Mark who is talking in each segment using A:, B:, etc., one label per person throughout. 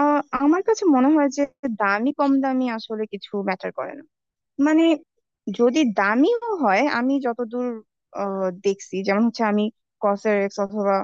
A: আমার কাছে মনে হয় যে দামি কম দামি আসলে কিছু ম্যাটার করে না। মানে যদি দামিও হয়, আমি যতদূর দেখছি যেমন হচ্ছে আমি কসরেক্স অথবা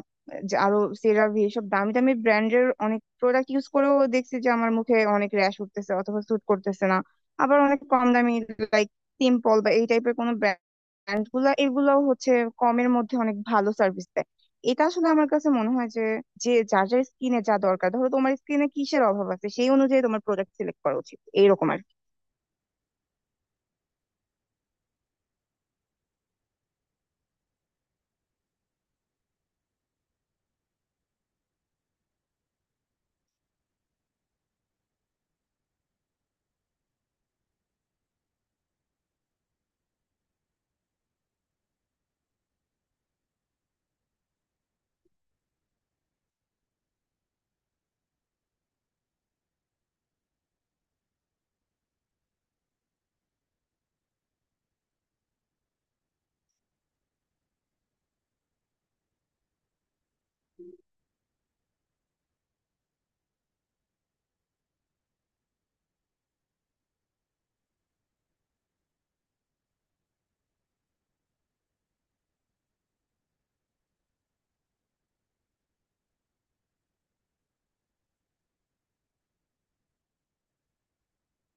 A: যে আরো সেরাভি, এসব দামি দামি ব্র্যান্ডের অনেক প্রোডাক্ট ইউজ করেও দেখছি যে আমার মুখে অনেক র্যাশ উঠতেছে অথবা স্যুট করতেছে না। আবার অনেক কম দামি, লাইক সিম্পল বা এই টাইপের কোনো ব্র্যান্ড গুলা এগুলোও হচ্ছে কমের মধ্যে অনেক ভালো সার্ভিস দেয়। এটা আসলে আমার কাছে মনে হয় যে যে যার যার স্কিনে যা দরকার, ধরো তোমার স্কিনে কিসের অভাব আছে সেই অনুযায়ী তোমার প্রোডাক্ট সিলেক্ট করা উচিত, এইরকম আর কি।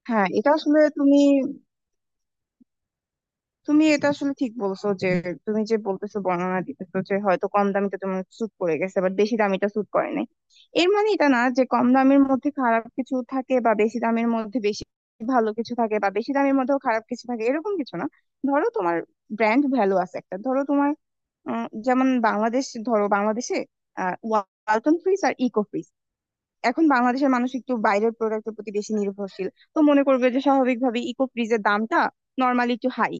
A: হ্যাঁ, এটা আসলে তুমি তুমি এটা আসলে ঠিক বলছো যে তুমি যে বলতেছো, বর্ণনা দিতেছো যে হয়তো কম দামিটা তোমার স্যুট করে গেছে, বাট বেশি দামিটা স্যুট করে নাই। এর মানে এটা না যে কম দামের মধ্যে খারাপ কিছু থাকে বা বেশি দামের মধ্যে বেশি ভালো কিছু থাকে, বা বেশি দামের মধ্যেও খারাপ কিছু থাকে, এরকম কিছু না। ধরো তোমার ব্র্যান্ড ভ্যালু আছে একটা, ধরো তোমার যেমন বাংলাদেশ, ধরো বাংলাদেশে ওয়ালটন ফ্রিজ আর ইকো ফ্রিজ। এখন বাংলাদেশের মানুষ একটু বাইরের প্রোডাক্টের প্রতি বেশি নির্ভরশীল। তো মনে করবে যে স্বাভাবিকভাবে ইকো ফ্রিজের দামটা নর্মালি একটু হাই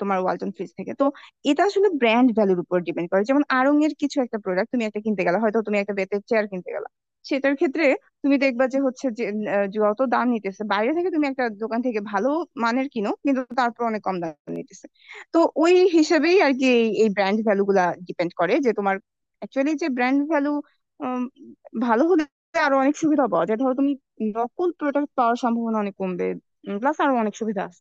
A: তোমার ওয়ালটন ফ্রিজ থেকে। তো এটা আসলে ব্র্যান্ড ভ্যালুর উপর ডিপেন্ড করে। যেমন আড়ং এর কিছু একটা প্রোডাক্ট তুমি একটা কিনতে গেলা, হয়তো তুমি একটা বেতের চেয়ার কিনতে গেলা, সেটার ক্ষেত্রে তুমি দেখবা যে হচ্ছে যে যত দাম নিতেছে, বাইরে থেকে তুমি একটা দোকান থেকে ভালো মানের কিনো কিন্তু তারপর অনেক কম দাম। তো ওই হিসেবেই আর কি, এই এই ব্র্যান্ড ভ্যালু গুলা ডিপেন্ড করে যে তোমার অ্যাকচুয়ালি যে ব্র্যান্ড ভ্যালু ভালো হলে আরো অনেক সুবিধা পাওয়া যায়। ধরো তুমি নকল প্রোডাক্ট পাওয়ার সম্ভাবনা অনেক কমবে, প্লাস আরো অনেক সুবিধা আছে।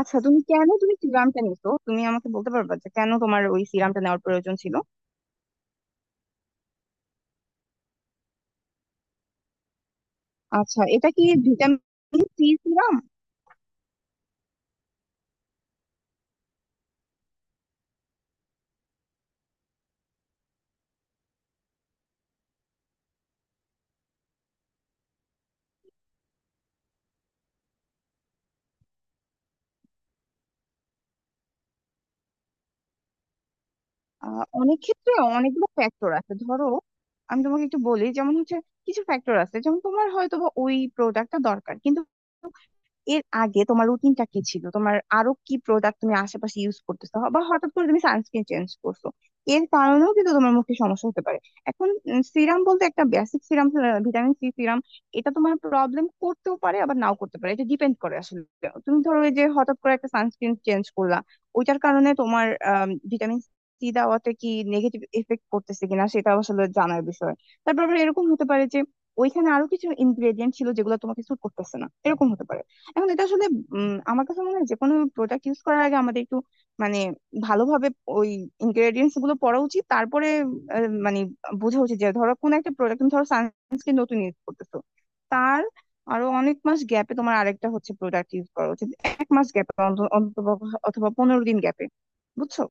A: আচ্ছা, তুমি কেন, তুমি সিরামটা নিছো, তুমি আমাকে বলতে পারবে যে কেন তোমার ওই সিরামটা নেওয়ার প্রয়োজন ছিল? আচ্ছা, এটা কি ভিটামিন সি সিরাম? অনেক ক্ষেত্রে অনেকগুলো ফ্যাক্টর আছে। ধরো আমি তোমাকে একটু বলি, যেমন হচ্ছে কিছু ফ্যাক্টর আছে, যেমন তোমার হয়তো বা ওই প্রোডাক্টটা দরকার, কিন্তু এর আগে তোমার রুটিনটা কি ছিল, তোমার আরো কি প্রোডাক্ট তুমি আশেপাশে ইউজ করতেছো, বা হঠাৎ করে তুমি সানস্ক্রিন চেঞ্জ করছো, এর কারণেও কিন্তু তোমার মুখে সমস্যা হতে পারে। এখন সিরাম বলতে একটা basic serum, vitamin C serum, এটা তোমার প্রবলেম করতেও পারে আবার নাও করতে পারে। এটা ডিপেন্ড করে আসলে। তুমি ধরো ওই যে হঠাৎ করে একটা সানস্ক্রিন চেঞ্জ করলা, ওইটার কারণে তোমার ভিটামিন সি দেওয়াতে কি নেগেটিভ এফেক্ট করতেছে কিনা সেটা আসলে জানার বিষয়। তারপর আবার এরকম হতে পারে যে ওইখানে আরো কিছু ইনগ্রেডিয়েন্ট ছিল যেগুলো তোমাকে স্যুট করতেছে না, এরকম হতে পারে। এখন এটা আসলে আমার কাছে মনে হয় যে কোনো প্রোডাক্ট ইউজ করার আগে আমাদের একটু মানে ভালোভাবে ওই ইনগ্রেডিয়েন্টস গুলো পড়া উচিত, তারপরে মানে বোঝা উচিত যে ধরো কোন একটা প্রোডাক্ট, তুমি ধরো সানস্ক্রিন নতুন ইউজ করতেছো, তার আরো অনেক মাস গ্যাপে তোমার আরেকটা হচ্ছে প্রোডাক্ট ইউজ করা উচিত, এক মাস গ্যাপে অন্তত, অথবা 15 দিন গ্যাপে। বুঝছো?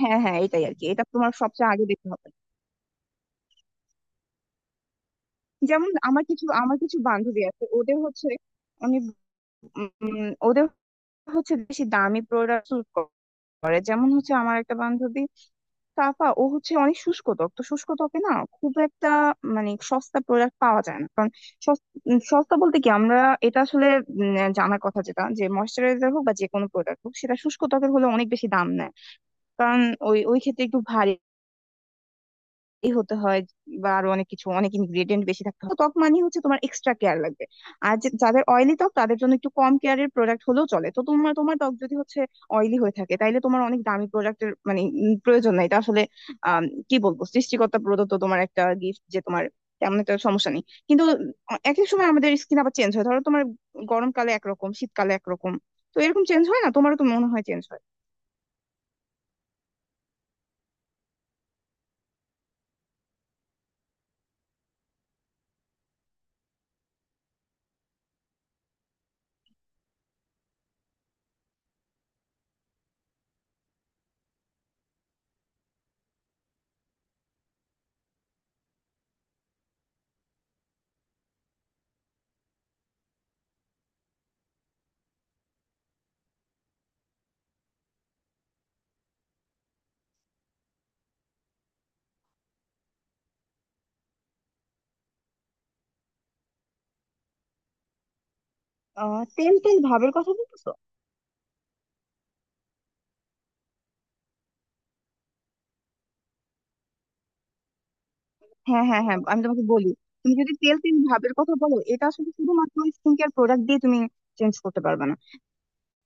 A: হ্যাঁ হ্যাঁ, এটাই আর কি, এটা তোমার সবচেয়ে আগে দেখতে হবে। যেমন আমার কিছু বান্ধবী আছে, ওদের হচ্ছে আমি ওদের হচ্ছে বেশি দামি প্রোডাক্ট করে। যেমন হচ্ছে আমার একটা বান্ধবী কাকা, ও হচ্ছে অনেক শুষ্ক ত্বক, তো শুষ্ক ত্বকে না খুব একটা মানে সস্তা প্রোডাক্ট পাওয়া যায় না, কারণ সস- সস্তা বলতে কি আমরা, এটা আসলে জানার কথা যেটা যে ময়শ্চারাইজার হোক বা যে কোনো প্রোডাক্ট হোক, সেটা শুষ্ক ত্বকের হলে অনেক বেশি দাম নেয়। কারণ ওই ওই ক্ষেত্রে একটু ভারী এই হতে হয়, বা আরো অনেক কিছু, অনেক ইনগ্রেডিয়েন্ট বেশি থাকতে হয়, তো ত্বক মানে হচ্ছে তোমার এক্সট্রা কেয়ার লাগবে। আর যাদের অয়েলি ত্বক, তাদের জন্য একটু কম কেয়ারের প্রোডাক্ট হলেও চলে। তো তোমার তোমার ত্বক যদি হচ্ছে অয়েলি হয়ে থাকে, তাইলে তোমার অনেক দামি প্রোডাক্টের মানে প্রয়োজন নাই। এটা আসলে আম, কি বলবো, সৃষ্টিকর্তা প্রদত্ত তোমার একটা গিফট যে তোমার তেমন একটা সমস্যা নেই। কিন্তু এক এক সময় আমাদের স্কিন আবার চেঞ্জ হয়। ধরো তোমার গরমকালে একরকম, শীতকালে একরকম, তো এরকম চেঞ্জ হয় না? তোমারও তো মনে হয় চেঞ্জ হয়। তেল তেল ভাবের কথা বলতেছো? হ্যাঁ হ্যাঁ হ্যাঁ, আমি তোমাকে বলি। তুমি যদি তেল তেল ভাবের কথা বলো, এটা আসলে শুধুমাত্র স্কিন কেয়ার প্রোডাক্ট দিয়ে তুমি চেঞ্জ করতে পারবে না।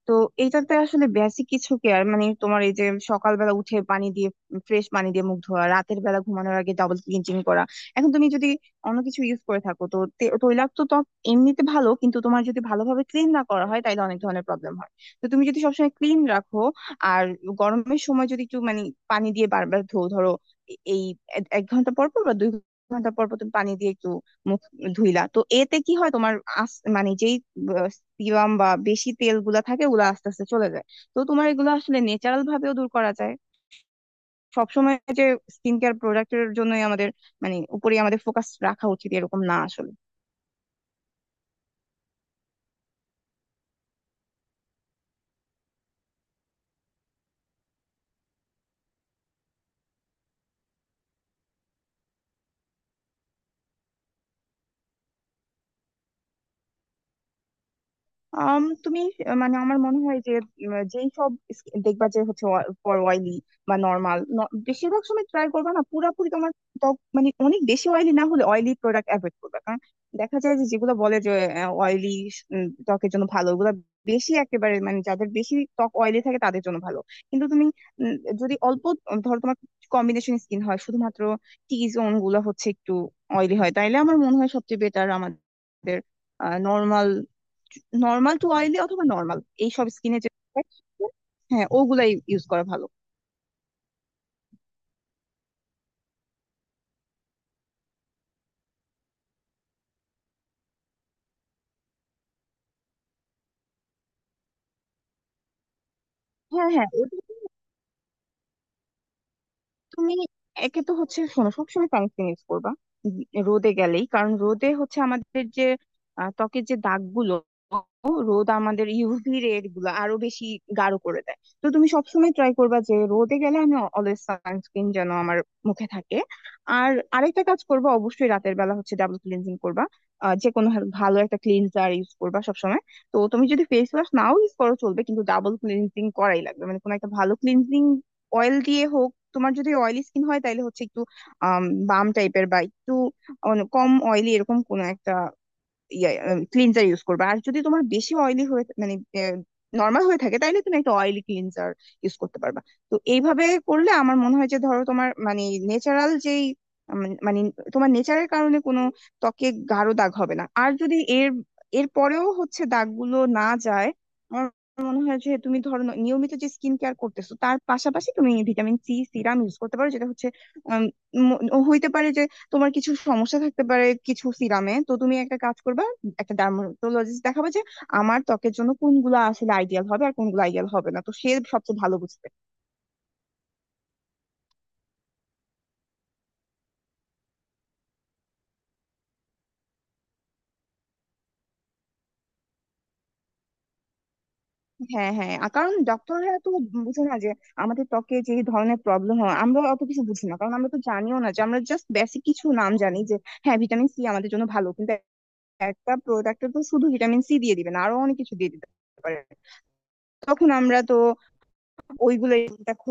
A: তো এটাতে আসলে বেসিক কিছু কেয়ার মানে তোমার এই যে সকালবেলা উঠে পানি দিয়ে, ফ্রেশ পানি দিয়ে মুখ ধোয়া, রাতের বেলা ঘুমানোর আগে ডাবল ক্লিনজিং করা। এখন তুমি যদি অন্য কিছু ইউজ করে থাকো, তো তৈলাক্ত ত্বক এমনিতে ভালো কিন্তু তোমার যদি ভালোভাবে ক্লিন না করা হয় তাহলে অনেক ধরনের প্রবলেম হয়। তো তুমি যদি সবসময় ক্লিন রাখো, আর গরমের সময় যদি একটু মানে পানি দিয়ে বারবার ধো, ধরো এই এক এক ঘন্টা পর পর বা দুই ঘন্টা পর পর তুমি পানি দিয়ে একটু মুখ ধুইলা, তো এতে কি হয় তোমার মানে যেই সিরাম বা বেশি তেল গুলা থাকে ওগুলা আস্তে আস্তে চলে যায়। তো তোমার এগুলো আসলে ন্যাচারাল ভাবেও দূর করা যায়। সবসময় যে স্কিন কেয়ার প্রোডাক্টের জন্যই আমাদের মানে উপরে আমাদের ফোকাস রাখা উচিত, এরকম না আসলে। আম, তুমি মানে আমার মনে হয় যে যেই সব দেখবা যে হচ্ছে ফর অয়েলি বা নর্মাল, বেশিরভাগ সময় ট্রাই করবা না পুরাপুরি। তোমার ত্বক মানে অনেক বেশি অয়েলি না হলে অয়েলি প্রোডাক্ট অ্যাভয়েড করবে, কারণ দেখা যায় যে যেগুলো বলে যে অয়েলি ত্বকের জন্য ভালো, ওগুলো বেশি একেবারে মানে যাদের বেশি ত্বক অয়েলি থাকে তাদের জন্য ভালো। কিন্তু তুমি উম, যদি অল্প ধরো তোমার কম্বিনেশন স্কিন হয়, শুধুমাত্র টি জোন গুলো হচ্ছে একটু অয়েলি হয়, তাইলে আমার মনে হয় সবচেয়ে বেটার আমাদের নর্মাল নর্মাল টু অয়েলি অথবা নর্মাল এইসব স্কিনে যে হ্যাঁ ওগুলাই ইউজ করা ভালো। হ্যাঁ হ্যাঁ, ওটা তুমি একে তো হচ্ছে, শোনো সবসময় সানস্ক্রিন ইউজ করবা, উম, রোদে গেলেই, কারণ রোদে হচ্ছে আমাদের যে ত্বকের যে দাগগুলো, রোদ আমাদের ইউভি রে গুলো আরো বেশি গাঢ় করে দেয়। তো তুমি সবসময় ট্রাই করবা যে রোদে গেলে আমি অলওয়েজ সানস্ক্রিন যেন আমার মুখে থাকে। আর আরেকটা কাজ করবা, অবশ্যই রাতের বেলা হচ্ছে ডাবল ক্লিনজিং করবা। যে কোনো ভালো ভালো একটা ক্লিনজার ইউজ করবা সবসময়। তো তুমি যদি ফেস ওয়াশ নাও ইউজ করো চলবে, কিন্তু ডাবল ক্লিনজিং করাই লাগবে, মানে কোনো একটা ভালো ক্লিনজিং অয়েল দিয়ে হোক। তোমার যদি অয়েলি স্কিন হয় তাহলে হচ্ছে একটু আম বাম টাইপের বা একটু কম অয়েলি এরকম কোনো একটা ক্লিনজার ইউজ করবে। আর যদি তোমার বেশি অয়েলি হয়ে মানে নর্মাল হয়ে থাকে তাহলে তুমি একটা অয়েলি ক্লিনজার ইউজ করতে পারবা। তো এইভাবে করলে আমার মনে হয় যে ধরো তোমার মানে ন্যাচারাল যেই মানে তোমার নেচারের কারণে কোনো ত্বকে গাঢ় দাগ হবে না। আর যদি এর এর পরেও হচ্ছে দাগগুলো না যায়, আমার মনে হয় যে তুমি ধরো নিয়মিত যে স্কিন কেয়ার করতেছো তার পাশাপাশি তুমি ভিটামিন সি সিরাম ইউজ করতে পারো, যেটা হচ্ছে উম, ম- হইতে পারে যে তোমার কিছু সমস্যা থাকতে পারে কিছু সিরামে। তো তুমি একটা কাজ করবে, একটা ডার্মাটোলজিস্ট দেখাবে যে আমার ত্বকের জন্য কোনগুলো আসলে আইডিয়াল হবে আর কোনগুলো আইডিয়াল হবে না, তো সে সবচেয়ে ভালো বুঝবে। হ্যাঁ হ্যাঁ, আর কারণ ডক্টররা তো বুঝে না যে আমাদের ত্বকে যে ধরনের প্রবলেম হয়, আমরা অত কিছু বুঝি না, কারণ আমরা তো জানিও না। যে আমরা জাস্ট বেসিক কিছু নাম জানি যে হ্যাঁ ভিটামিন সি আমাদের জন্য ভালো, কিন্তু একটা প্রোডাক্টে তো শুধু ভিটামিন সি দিয়ে দিবে না, আরো অনেক কিছু দিয়ে দিবে পারে, তখন আমরা তো ওইগুলো